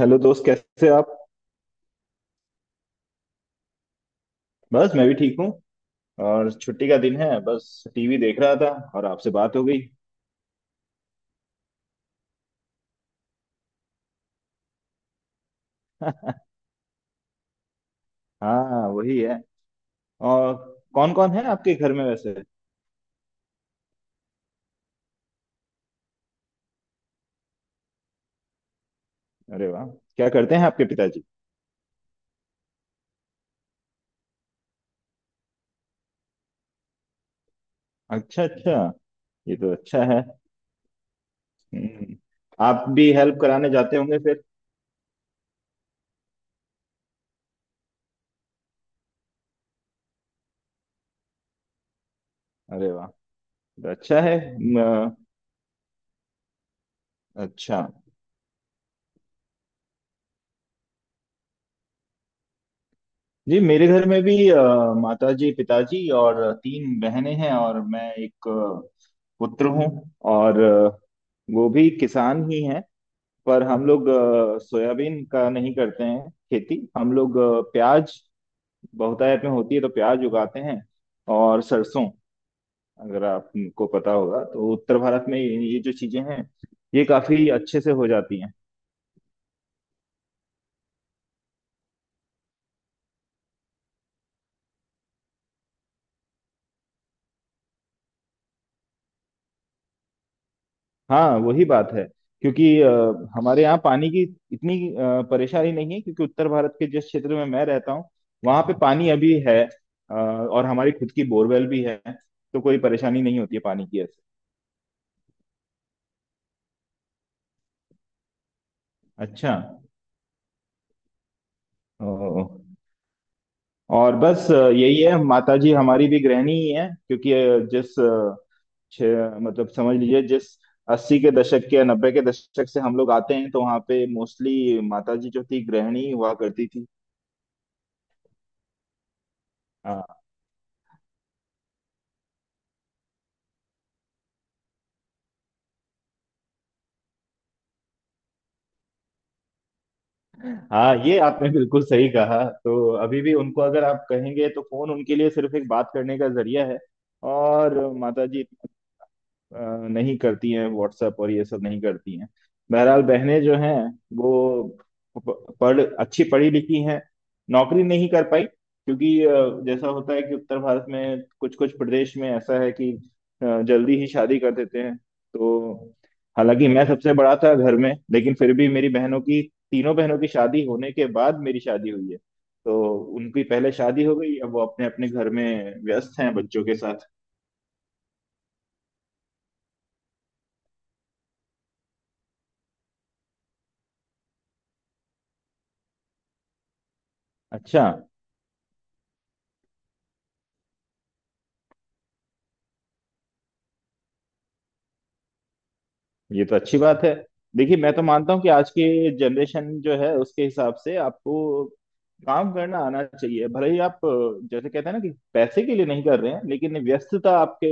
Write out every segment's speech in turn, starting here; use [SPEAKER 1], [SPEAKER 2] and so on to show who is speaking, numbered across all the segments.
[SPEAKER 1] Hello दोस्त, कैसे आप? बस मैं भी ठीक हूँ। और छुट्टी का दिन है, बस टीवी देख रहा था। और आपसे बात हो गई। हाँ, वही है। और कौन कौन है आपके घर में वैसे? अरे वाह! क्या करते हैं आपके पिताजी? अच्छा अच्छा, ये तो अच्छा है। हम्म, आप भी हेल्प कराने जाते होंगे फिर? अरे वाह! तो अच्छा है। म, अच्छा। जी, मेरे घर में भी माताजी पिताजी और तीन बहनें हैं, और मैं एक पुत्र हूँ। और वो भी किसान ही हैं। पर हम लोग सोयाबीन का नहीं करते हैं खेती, हम लोग प्याज बहुतायत में होती है तो प्याज उगाते हैं। और सरसों, अगर आपको पता होगा तो उत्तर भारत में ये जो चीजें हैं, ये काफी अच्छे से हो जाती हैं। हाँ, वही बात है। क्योंकि हमारे यहाँ पानी की इतनी परेशानी नहीं है, क्योंकि उत्तर भारत के जिस क्षेत्र में मैं रहता हूँ वहाँ पे पानी अभी है। और हमारी खुद की बोरवेल भी है। तो कोई परेशानी नहीं होती है पानी की ऐसे। अच्छा। ओ, और बस यही है, माता जी हमारी भी गृहिणी ही है, क्योंकि मतलब समझ लीजिए जिस अस्सी के दशक के या नब्बे के दशक से हम लोग आते हैं, तो वहाँ पे मोस्टली माता जी जो थी गृहिणी हुआ करती थी। हाँ, ये आपने बिल्कुल सही कहा, तो अभी भी उनको अगर आप कहेंगे तो फोन उनके लिए सिर्फ एक बात करने का जरिया है। और माता जी अ, नहीं करती हैं व्हाट्सएप और ये सब नहीं करती हैं। बहरहाल बहनें जो हैं वो प- पढ़ अच्छी पढ़ी लिखी हैं। नौकरी नहीं कर पाई क्योंकि जैसा होता है कि उत्तर भारत में कुछ कुछ प्रदेश में ऐसा है कि जल्दी ही शादी कर देते हैं, तो हालांकि मैं सबसे बड़ा था घर में, लेकिन फिर भी मेरी बहनों की तीनों बहनों की शादी होने के बाद मेरी शादी हुई है। तो उनकी पहले शादी हो गई, अब वो अपने अपने घर में व्यस्त हैं बच्चों के साथ। अच्छा, ये तो अच्छी बात है। देखिए, मैं तो मानता हूँ कि आज की जनरेशन जो है उसके हिसाब से आपको काम करना आना चाहिए, भले ही आप जैसे कहते हैं ना कि पैसे के लिए नहीं कर रहे हैं, लेकिन व्यस्तता आपके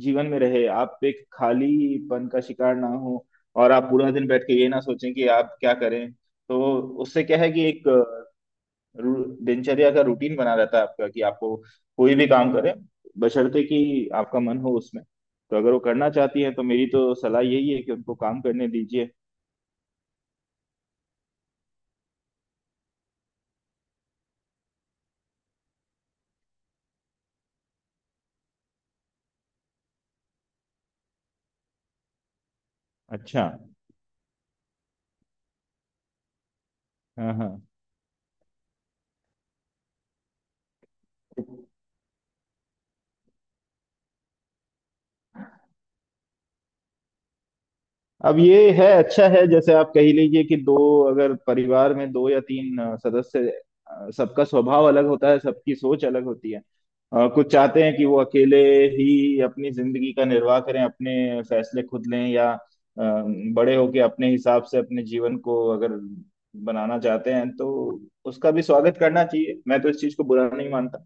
[SPEAKER 1] जीवन में रहे, आप एक खालीपन का शिकार ना हो, और आप पूरा दिन बैठ के ये ना सोचें कि आप क्या करें। तो उससे क्या है कि एक दिनचर्या का रूटीन बना रहता है आपका, कि आपको कोई भी काम करें, बशर्ते कि आपका मन हो उसमें। तो अगर वो करना चाहती है तो मेरी तो सलाह यही है कि उनको काम करने दीजिए। अच्छा। हाँ हाँ। अब ये है, अच्छा है, जैसे आप कह लीजिए कि दो, अगर परिवार में दो या तीन सदस्य, सबका स्वभाव अलग होता है, सबकी सोच अलग होती है। कुछ चाहते हैं कि वो अकेले ही अपनी जिंदगी का निर्वाह करें, अपने फैसले खुद लें, या बड़े होके अपने हिसाब से अपने जीवन को अगर बनाना चाहते हैं तो उसका भी स्वागत करना चाहिए, मैं तो इस चीज को बुरा नहीं मानता।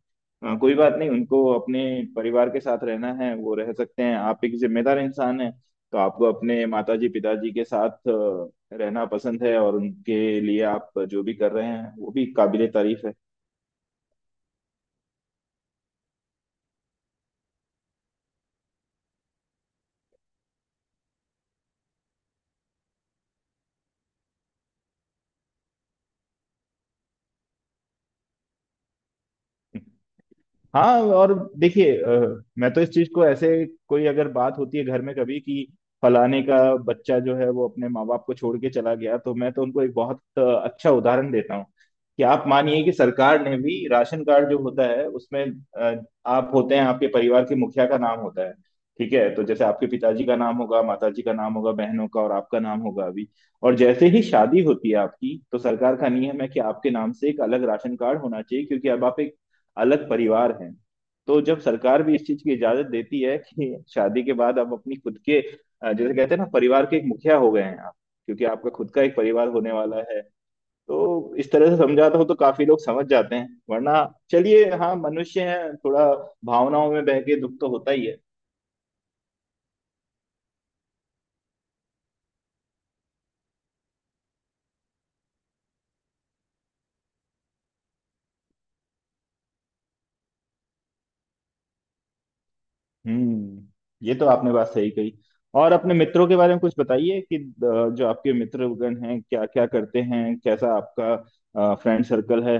[SPEAKER 1] कोई बात नहीं, उनको अपने परिवार के साथ रहना है वो रह सकते हैं। आप एक जिम्मेदार इंसान हैं तो आपको अपने माताजी पिताजी के साथ रहना पसंद है, और उनके लिए आप जो भी कर रहे हैं वो भी काबिले तारीफ है। हाँ, और देखिए, मैं तो इस चीज को ऐसे, कोई अगर बात होती है घर में कभी कि फलाने का बच्चा जो है वो अपने माँ बाप को छोड़ के चला गया, तो मैं तो उनको एक बहुत अच्छा उदाहरण देता हूँ, कि आप मानिए कि सरकार ने भी राशन कार्ड जो होता है उसमें आप होते हैं, आपके परिवार के मुखिया का नाम होता है। ठीक है, तो जैसे आपके पिताजी का नाम होगा, माताजी का नाम होगा, बहनों का और आपका नाम होगा अभी, और जैसे ही शादी होती है आपकी, तो सरकार का नियम है कि आपके नाम से एक अलग राशन कार्ड होना चाहिए, क्योंकि अब आप एक अलग परिवार हैं। तो जब सरकार भी इस चीज की इजाजत देती है कि शादी के बाद आप अपनी खुद के जैसे कहते हैं ना, परिवार के एक मुखिया हो गए हैं आप, क्योंकि आपका खुद का एक परिवार होने वाला है। तो इस तरह से समझाता हो तो काफी लोग समझ जाते हैं, वरना चलिए, हाँ मनुष्य है, थोड़ा भावनाओं में बह के दुख तो होता ही है। हम्म ये तो आपने बात सही कही। और अपने मित्रों के बारे में कुछ बताइए कि जो आपके मित्रगण हैं क्या क्या करते हैं, कैसा आपका फ्रेंड सर्कल है?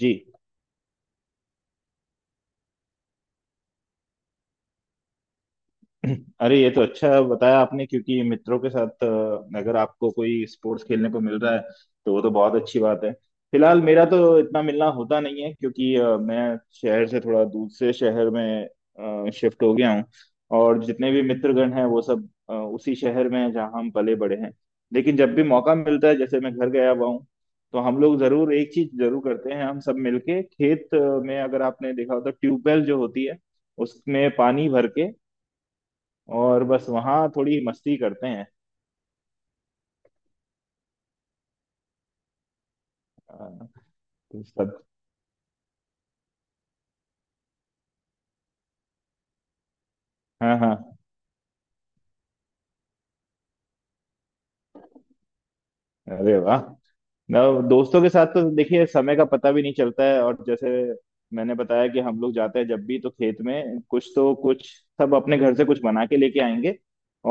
[SPEAKER 1] जी। अरे, ये तो अच्छा बताया आपने, क्योंकि मित्रों के साथ अगर आपको कोई स्पोर्ट्स खेलने को मिल रहा है, तो वो तो बहुत अच्छी बात है। फिलहाल मेरा तो इतना मिलना होता नहीं है, क्योंकि मैं शहर से थोड़ा दूसरे शहर में शिफ्ट हो गया हूँ, और जितने भी मित्रगण हैं वो सब उसी शहर में हैं जहाँ हम पले बड़े हैं। लेकिन जब भी मौका मिलता है, जैसे मैं घर गया हुआ हूँ, तो हम लोग जरूर एक चीज जरूर करते हैं, हम सब मिलके खेत में, अगर आपने देखा हो तो ट्यूबवेल जो होती है, उसमें पानी भर के, और बस वहाँ थोड़ी मस्ती करते हैं। अ, तो सब, हाँ हाँ। अरे वाह! ना, दोस्तों के साथ तो देखिए समय का पता भी नहीं चलता है, और जैसे मैंने बताया कि हम लोग जाते हैं जब भी, तो खेत में कुछ तो कुछ, सब अपने घर से कुछ बना के लेके आएंगे,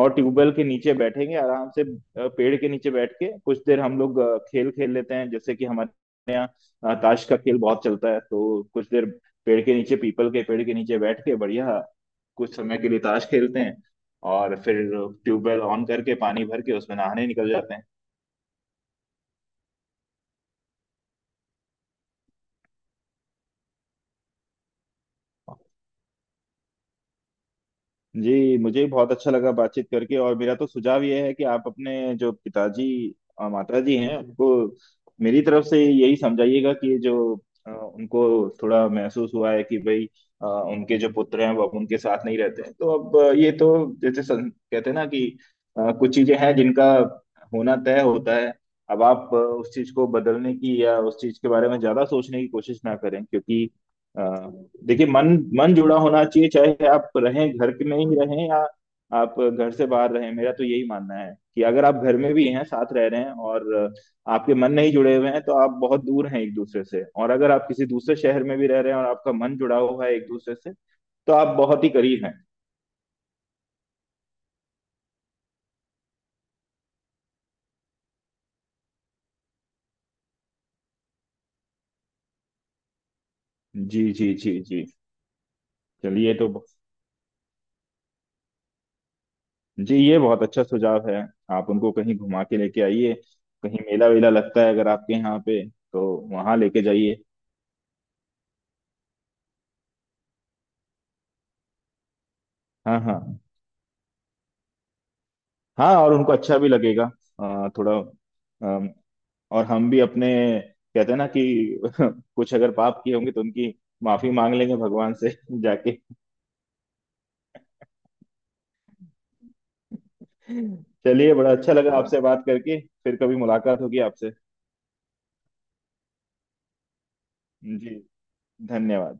[SPEAKER 1] और ट्यूबवेल के नीचे बैठेंगे आराम से, पेड़ के नीचे बैठ के कुछ देर हम लोग खेल खेल लेते हैं, जैसे कि हमारे यहाँ ताश का खेल बहुत चलता है, तो कुछ देर पेड़ के नीचे पीपल के पेड़ के नीचे बैठ के बढ़िया कुछ समय के लिए ताश खेलते हैं, और फिर ट्यूबवेल ऑन करके पानी भर के उसमें नहाने निकल जाते हैं। जी, मुझे भी बहुत अच्छा लगा बातचीत करके, और मेरा तो सुझाव ये है कि आप अपने जो पिताजी और माता जी हैं उनको मेरी तरफ से यही समझाइएगा कि जो उनको थोड़ा महसूस हुआ है कि भाई, उनके जो पुत्र हैं वो अब उनके साथ नहीं रहते हैं, तो अब ये तो जैसे कहते हैं ना कि कुछ चीजें हैं जिनका होना तय होता है। अब आप उस चीज को बदलने की या उस चीज के बारे में ज्यादा सोचने की कोशिश ना करें, क्योंकि अ, देखिए, मन मन जुड़ा होना चाहिए, चाहे आप रहें घर के में ही रहें या आप घर से बाहर रहें। मेरा तो यही मानना है कि अगर आप घर में भी हैं साथ रह रहे हैं और आपके मन नहीं जुड़े हुए हैं तो आप बहुत दूर हैं एक दूसरे से, और अगर आप किसी दूसरे शहर में भी रह रहे हैं और आपका मन जुड़ा हुआ है एक दूसरे से, तो आप बहुत ही करीब हैं। जी जी जी जी। चलिए तो, जी, ये बहुत अच्छा सुझाव है। आप उनको कहीं घुमा के लेके आइए, कहीं मेला वेला लगता है अगर आपके यहाँ पे तो वहां लेके जाइए। हाँ हाँ, हाँ और उनको अच्छा भी लगेगा। थोड़ा, अम, और हम भी अपने कहते हैं ना कि कुछ अगर पाप किए होंगे तो उनकी माफी मांग लेंगे भगवान से जाके। चलिए, बड़ा अच्छा लगा आपसे बात करके, फिर कभी मुलाकात होगी आपसे। जी, धन्यवाद।